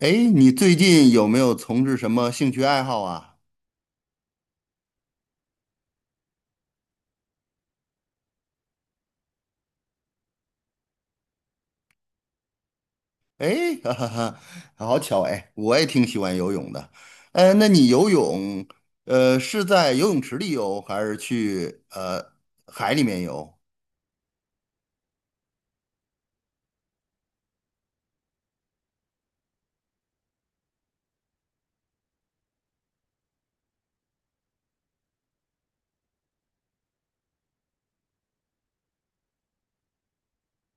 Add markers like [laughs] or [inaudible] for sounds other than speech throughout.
哎，你最近有没有从事什么兴趣爱好啊？哎，[laughs] 哈哈哈，好巧哎，我也挺喜欢游泳的。呃，那你游泳，呃，是在游泳池里游，还是去海里面游？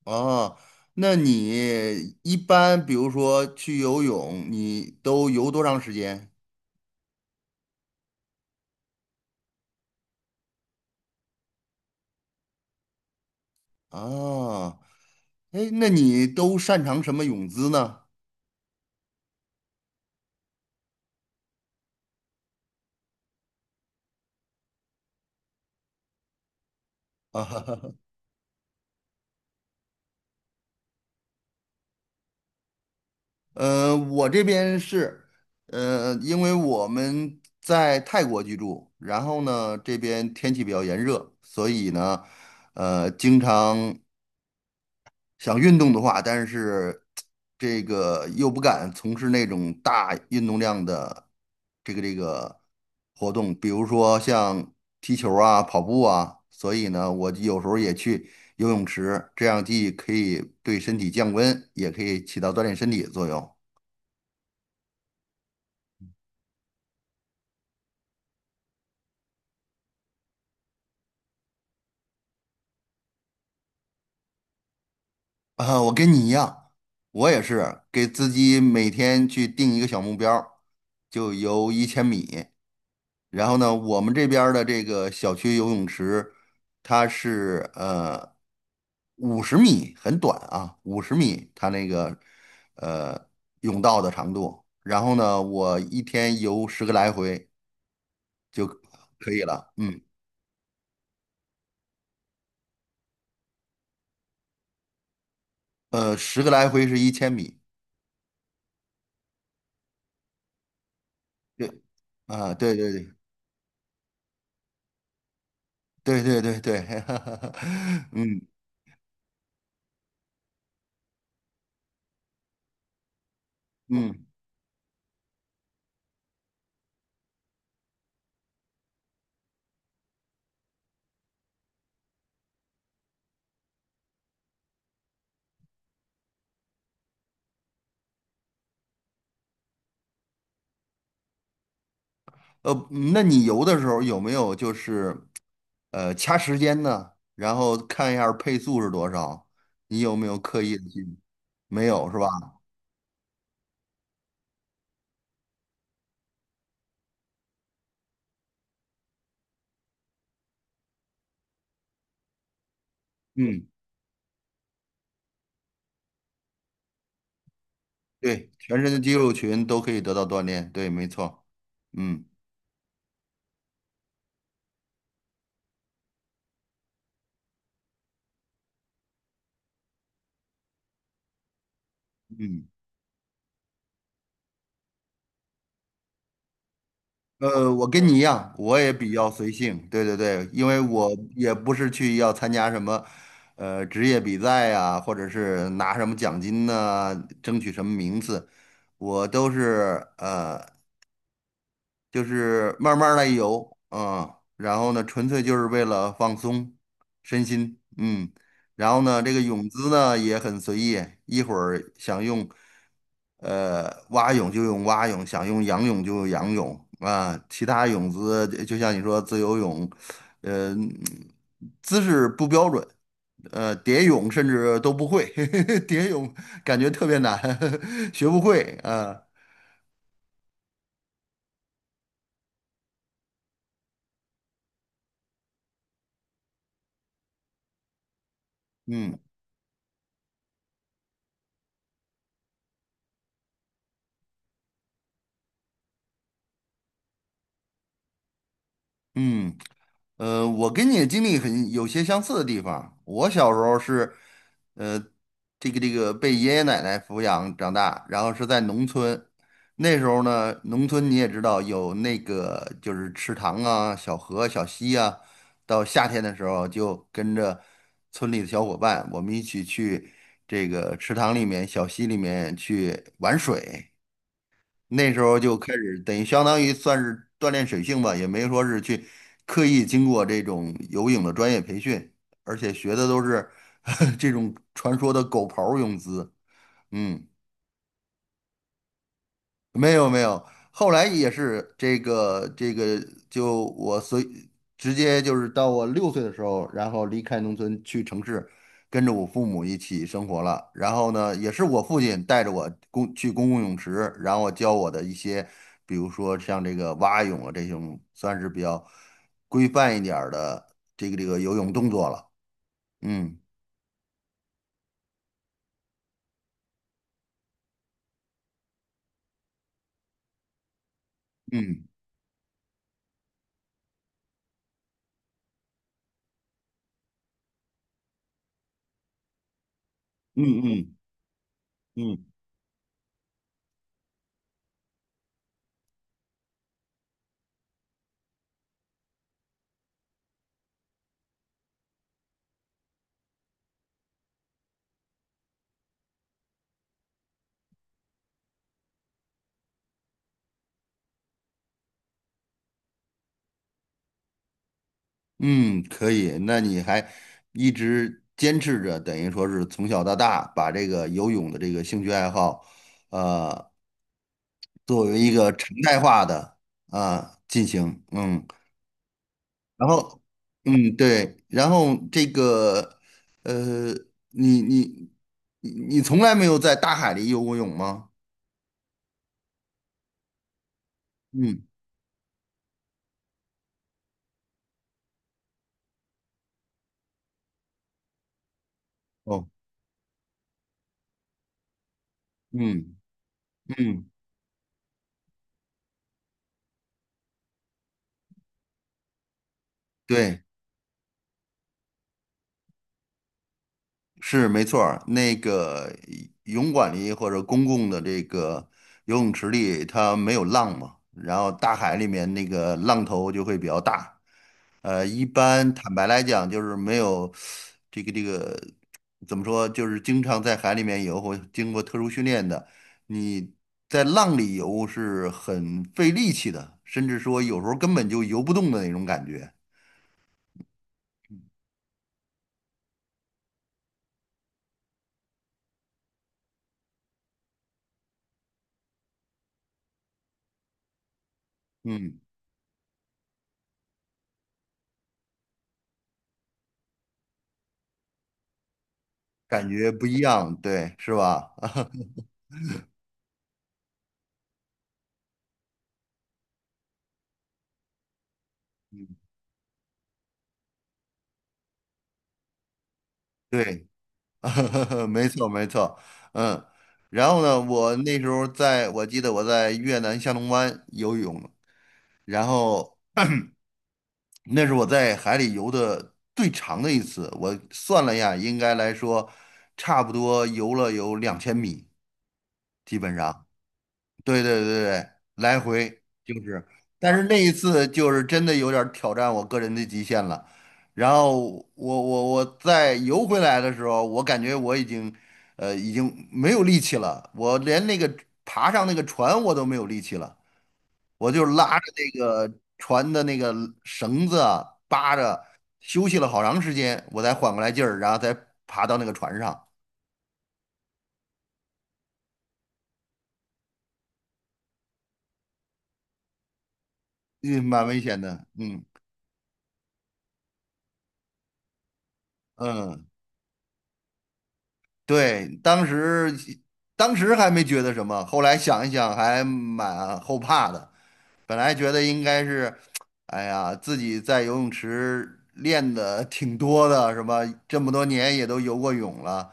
哦，那你一般比如说去游泳，你都游多长时间？哦，哎，那你都擅长什么泳姿呢？[laughs] 啊，哈哈。我这边是，因为我们在泰国居住，然后呢，这边天气比较炎热，所以呢，经常想运动的话，但是这个又不敢从事那种大运动量的这个活动，比如说像踢球啊、跑步啊，所以呢，我有时候也去游泳池，这样既可以对身体降温，也可以起到锻炼身体的作用。啊，我跟你一样，我也是给自己每天去定一个小目标儿，就游一千米。然后呢，我们这边儿的这个小区游泳池，它是五十米，很短啊，五十米它那个呃泳道的长度。然后呢，我一天游十个来回，可以了。嗯，十个来回是一千米。对，啊，对，[laughs] 嗯嗯。呃，那你游的时候有没有就是，掐时间呢？然后看一下配速是多少？你有没有刻意的去？没有是吧？嗯，对，全身的肌肉群都可以得到锻炼。对，没错。嗯嗯。我跟你一样，我也比较随性。对对对，因为我也不是去要参加什么，职业比赛呀、或者是拿什么奖金呐、争取什么名次，我都是呃。就是慢慢来游啊，然后呢，纯粹就是为了放松身心，嗯，然后呢，这个泳姿呢也很随意，一会儿想用蛙泳就用蛙泳，想用仰泳就用仰泳啊，其他泳姿就像你说自由泳，呃，姿势不标准。蝶泳甚至都不会，[laughs] 蝶泳感觉特别难，[laughs] 学不会啊，嗯嗯。我跟你的经历很有些相似的地方。我小时候是，呃，被爷爷奶奶抚养长大，然后是在农村。那时候呢，农村你也知道有那个就是池塘啊、小河、小溪啊。到夏天的时候，就跟着村里的小伙伴，我们一起去这个池塘里面、小溪里面去玩水。那时候就开始，等于相当于算是锻炼水性吧，也没说是去刻意经过这种游泳的专业培训，而且学的都是 [laughs] 这种传说的狗刨儿泳姿。嗯。没有没有，后来也是这个这个，就我随直接就是到我6岁的时候，然后离开农村去城市，跟着我父母一起生活了。然后呢，也是我父亲带着我公去公共泳池，然后教我的一些，比如说像这个蛙泳啊这种，算是比较规范一点儿的游泳动作了。嗯嗯嗯嗯嗯。嗯，可以。那你还一直坚持着，等于说是从小到大把这个游泳的这个兴趣爱好，呃，作为一个常态化的啊、进行。嗯，然后，嗯，对，然后这个，呃，你你你从来没有在大海里游过泳吗？嗯，哦，嗯嗯，对。是没错儿，那个泳馆里或者公共的这个游泳池里，它没有浪嘛，然后大海里面那个浪头就会比较大。一般坦白来讲，就是没有这个这个怎么说，就是经常在海里面游或经过特殊训练的，你在浪里游是很费力气的，甚至说有时候根本就游不动的那种感觉。嗯，感觉不一样，对，是吧？[laughs] 对，[laughs] 没错，没错，嗯，然后呢，我那时候在，我记得我在越南下龙湾游泳，然后那是我在海里游的最长的一次，我算了一下，应该来说，差不多游了有2000米，基本上。对。来回就是，但是那一次就是真的有点儿挑战我个人的极限了。然后我再游回来的时候，我感觉我已经，已经没有力气了，我连那个爬上那个船我都没有力气了，我就拉着那个船的那个绳子啊扒着，休息了好长时间，我才缓过来劲儿，然后再爬到那个船上，嗯，蛮危险的，嗯。对，当时还没觉得什么，后来想一想还蛮后怕的。本来觉得应该是，哎呀，自己在游泳池练的挺多的，是吧？这么多年也都游过泳了，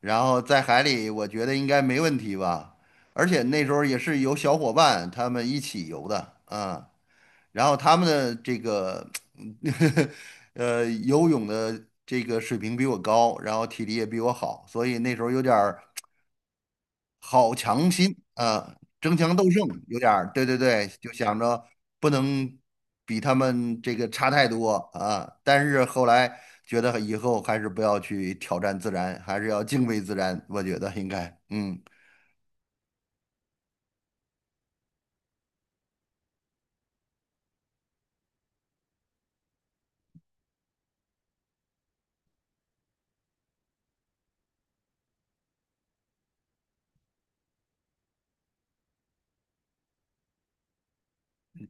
然后在海里，我觉得应该没问题吧。而且那时候也是有小伙伴他们一起游的，啊，然后他们的这个 [laughs] 游泳的这个水平比我高，然后体力也比我好，所以那时候有点儿好强心啊，争强斗胜，有点儿对对对，就想着不能比他们这个差太多啊。但是后来觉得以后还是不要去挑战自然，还是要敬畏自然，我觉得应该嗯。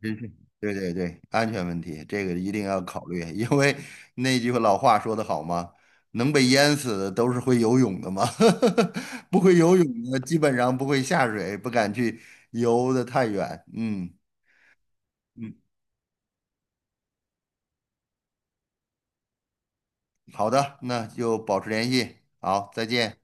真是，对对对，安全问题这个一定要考虑，因为 [laughs] 那句老话说得好嘛，能被淹死的都是会游泳的嘛，[laughs] 不会游泳的基本上不会下水，不敢去游的太远。嗯嗯。好的，那就保持联系，好，再见。